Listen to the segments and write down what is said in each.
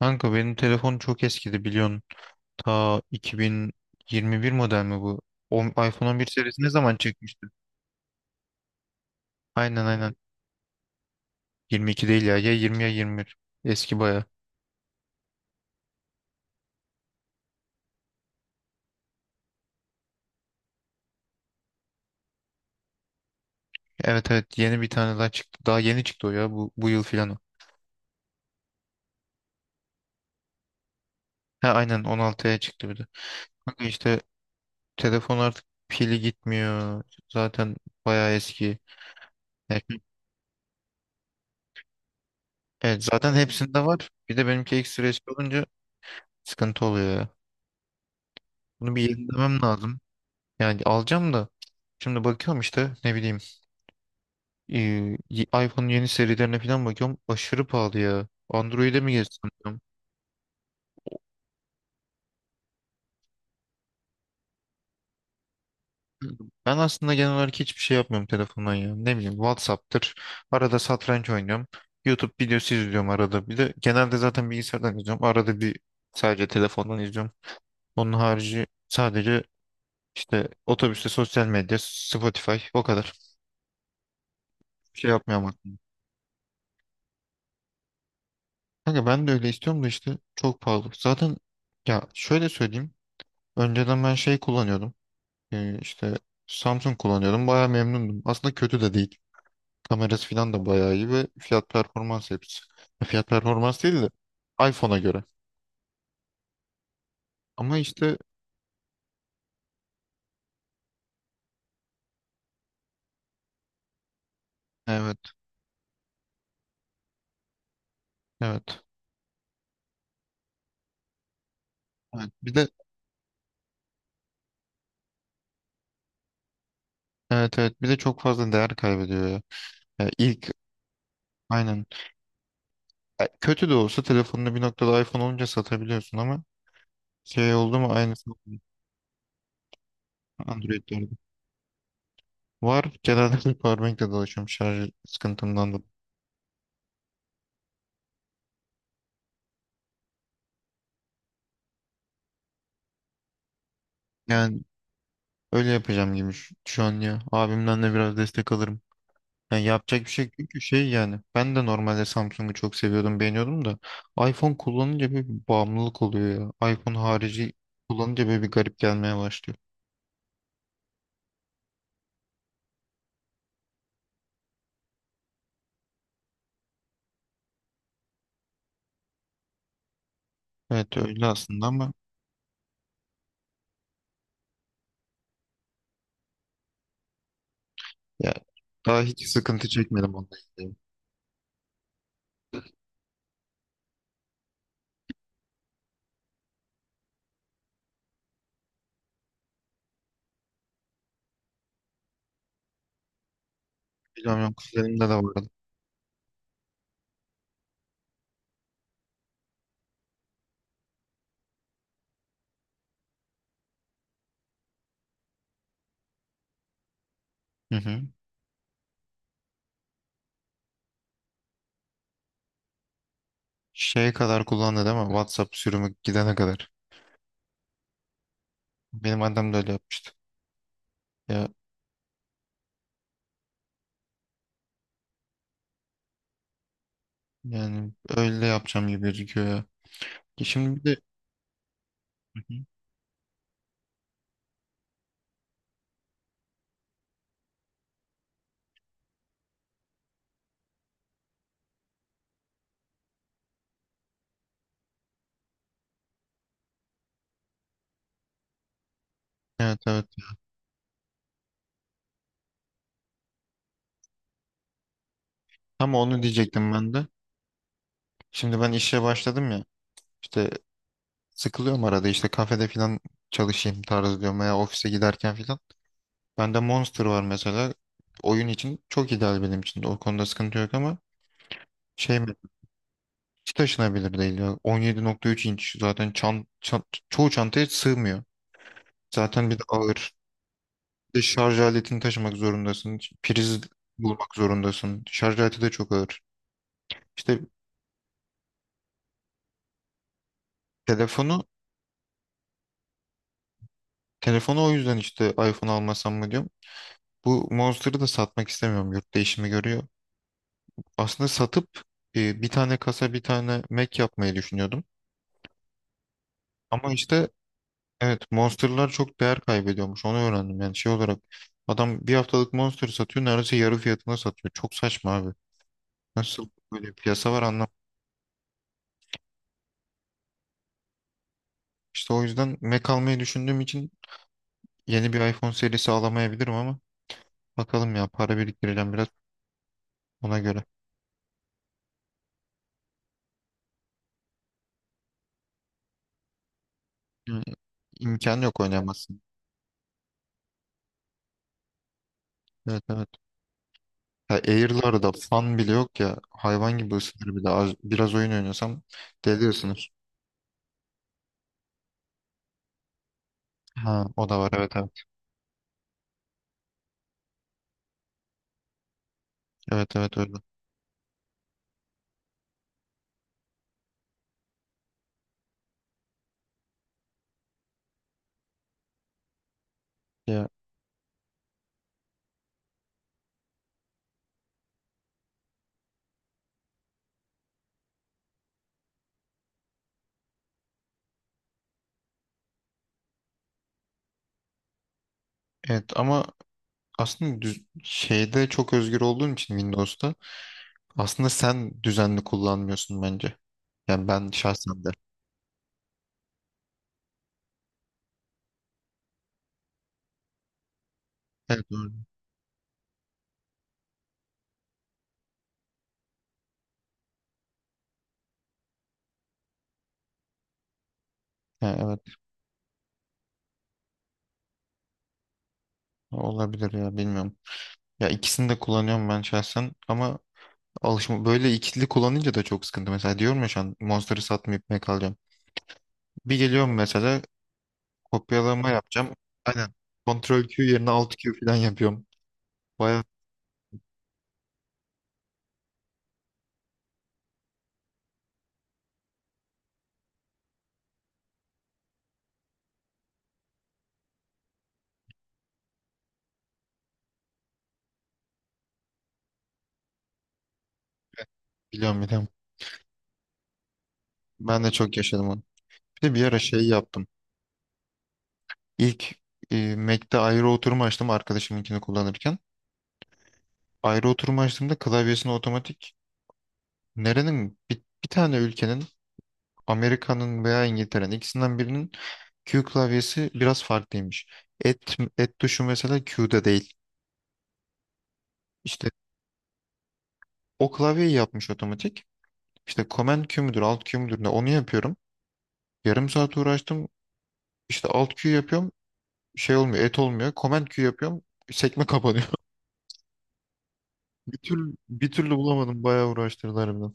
Kanka benim telefon çok eskidi biliyorsun. Ta 2021 model mi bu? O, iPhone 11 serisi ne zaman çıkmıştı? Aynen, aynen. 22 değil ya. Ya 20 ya 21. Eski baya. Evet, evet, yeni bir tane daha çıktı. Daha yeni çıktı o ya. Bu yıl filan o. Ha, aynen, 16'ya çıktı bir de. Kanka işte telefon artık pili gitmiyor. Zaten baya eski. Yani- Evet, zaten hepsinde var. Bir de benimki ekstra eski olunca sıkıntı oluyor ya. Bunu bir yenilemem lazım. Yani alacağım da şimdi bakıyorum işte ne bileyim, e, iPhone'un yeni serilerine falan bakıyorum. Aşırı pahalı ya. Android'e mi geçsem diyorum. Ben aslında genel olarak hiçbir şey yapmıyorum telefondan ya. Ne bileyim, WhatsApp'tır. Arada satranç oynuyorum. YouTube videosu izliyorum arada. Bir de genelde zaten bilgisayardan izliyorum. Arada bir sadece telefondan izliyorum. Onun harici sadece işte otobüste sosyal medya, Spotify, o kadar. Bir şey yapmıyorum aslında. Kanka ben de öyle istiyorum da işte çok pahalı. Zaten ya şöyle söyleyeyim. Önceden ben şey kullanıyordum. İşte Samsung kullanıyordum. Bayağı memnundum. Aslında kötü de değil. Kamerası falan da bayağı iyi ve fiyat performans hepsi. Fiyat performans değil de iPhone'a göre. Ama işte evet, evet. Evet. Bir de evet, evet, bir de çok fazla değer kaybediyor ya. Ya ilk aynen. Ya kötü de olsa telefonunu bir noktada iPhone olunca satabiliyorsun ama şey oldu mu aynısı Android'lerde. Var. Genelde powerbank'le dolaşıyorum şarj sıkıntımdan da. Yani öyle yapacağım gibi şu an ya. Abimden de biraz destek alırım. Yani yapacak bir şey yok çünkü şey yani. Ben de normalde Samsung'u çok seviyordum, beğeniyordum da iPhone kullanınca böyle bir bağımlılık oluyor ya. iPhone harici kullanınca böyle bir garip gelmeye başlıyor. Evet öyle aslında ama ya daha hiç sıkıntı çekmedim onunla ilgili. Bilmiyorum, kuzenimde de vardı. Hı hı. Şeye kadar kullandı değil mi? WhatsApp sürümü gidene kadar. Benim annem de öyle yapmıştı. Ya yani öyle yapacağım gibi gözüküyor ya. Şimdi bir de. Hı hı. Evet, evet. Tam onu diyecektim ben de. Şimdi ben işe başladım ya. İşte sıkılıyorum arada işte kafede falan çalışayım tarzı diyorum veya ofise giderken falan. Bende Monster var mesela. Oyun için çok ideal benim için. O konuda sıkıntı yok ama şey mi? Hiç taşınabilir değil ya. 17,3 inç zaten çoğu çantaya sığmıyor. Zaten bir de ağır. Bir de şarj aletini taşımak zorundasın. Priz bulmak zorundasın. Şarj aleti de çok ağır. İşte telefonu Telefonu o yüzden işte iPhone almasam mı diyorum. Bu Monster'ı da satmak istemiyorum. Yurt değişimi görüyor. Aslında satıp bir tane kasa, bir tane Mac yapmayı düşünüyordum. Ama işte evet, Monster'lar çok değer kaybediyormuş. Onu öğrendim. Yani şey olarak adam bir haftalık Monster satıyor. Neredeyse yarı fiyatına satıyor. Çok saçma abi. Nasıl böyle piyasa var anlam? İşte o yüzden Mac almayı düşündüğüm için yeni bir iPhone serisi alamayabilirim ama bakalım ya, para biriktireceğim biraz ona göre. Yani imkan yok, oynayamazsın. Evet, evet. Ya Air'larda fan bile yok ya. Hayvan gibi ısınır bir de. Biraz oyun oynuyorsam deli ısınır. Ha, o da var, evet, evet. Evet, evet, öyle. Ya, evet, ama aslında şeyde çok özgür olduğun için Windows'ta aslında sen düzenli kullanmıyorsun bence. Yani ben şahsen de. Evet, doğru. Ya, evet, olabilir ya, bilmiyorum. Ya, ikisini de kullanıyorum ben şahsen ama alışma böyle ikili kullanınca da çok sıkıntı. Mesela diyorum ya şu an Monster'ı satmayıp kalacağım. Bir geliyorum mesela. Kopyalama yapacağım. Aynen. Ctrl Q yerine Alt Q falan yapıyorum. Bayağı biliyorum, biliyorum. Ben de çok yaşadım onu. Bir de bir ara şey yaptım. İlk Mac'te ayrı oturma açtım arkadaşımınkini kullanırken. Ayrı oturma açtığımda klavyesini otomatik nerenin bir tane ülkenin, Amerika'nın veya İngiltere'nin ikisinden birinin Q klavyesi biraz farklıymış. Et tuşu mesela Q'da değil. İşte o klavyeyi yapmış otomatik. İşte command Q müdür, alt Q müdür, ne onu yapıyorum. Yarım saat uğraştım. İşte alt Q yapıyorum. Şey olmuyor, et olmuyor. Command Q yapıyorum. Sekme kapanıyor. Bir türlü, bir türlü bulamadım. Bayağı uğraştırdı harbiden.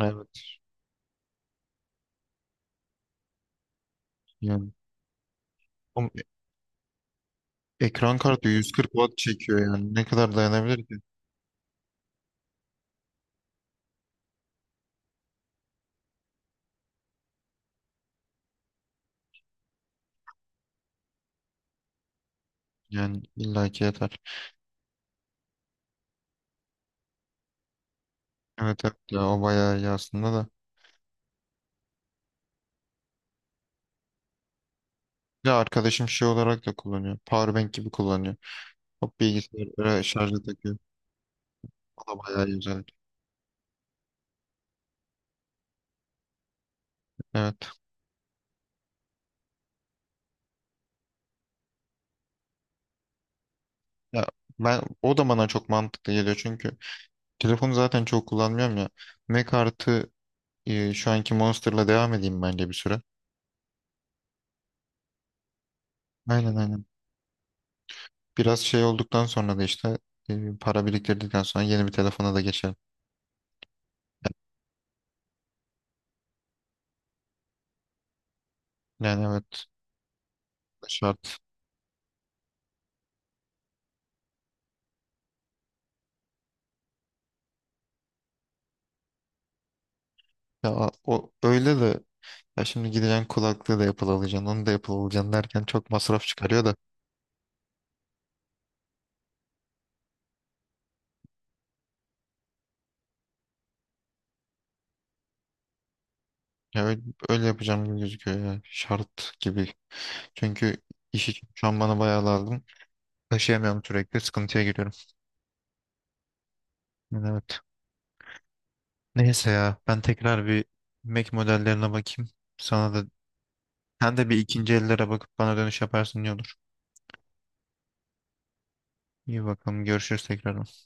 Evet. Yani ama ekran kartı 140 watt çekiyor yani. Ne kadar dayanabilir ki? Yani illaki yeter. Evet, evet ya, o bayağı iyi aslında da. Ya arkadaşım şey olarak da kullanıyor. Powerbank gibi kullanıyor. Hop bilgisayara şarja takıyor. O da bayağı iyi özellik. Evet. Ya ben, o da bana çok mantıklı geliyor çünkü telefonu zaten çok kullanmıyorum ya. Mac artı şu anki Monster'la devam edeyim bence bir süre. Aynen, aynen. Biraz şey olduktan sonra da işte para biriktirdikten sonra yeni bir telefona da geçelim. Yani evet, şart. Ya o öyle de ya şimdi gideceksin kulaklığı da Apple alacaksın, onu da Apple alacaksın derken çok masraf çıkarıyor da. Ya öyle yapacağım gibi gözüküyor ya şart gibi. Çünkü iş için şu an bana bayağı lazım. Taşıyamıyorum, sürekli sıkıntıya giriyorum. Yani evet. Neyse ya ben tekrar bir Mac modellerine bakayım. Sana da sen de bir ikinci ellere bakıp bana dönüş yaparsın iyi olur. İyi bakalım, görüşürüz tekrar.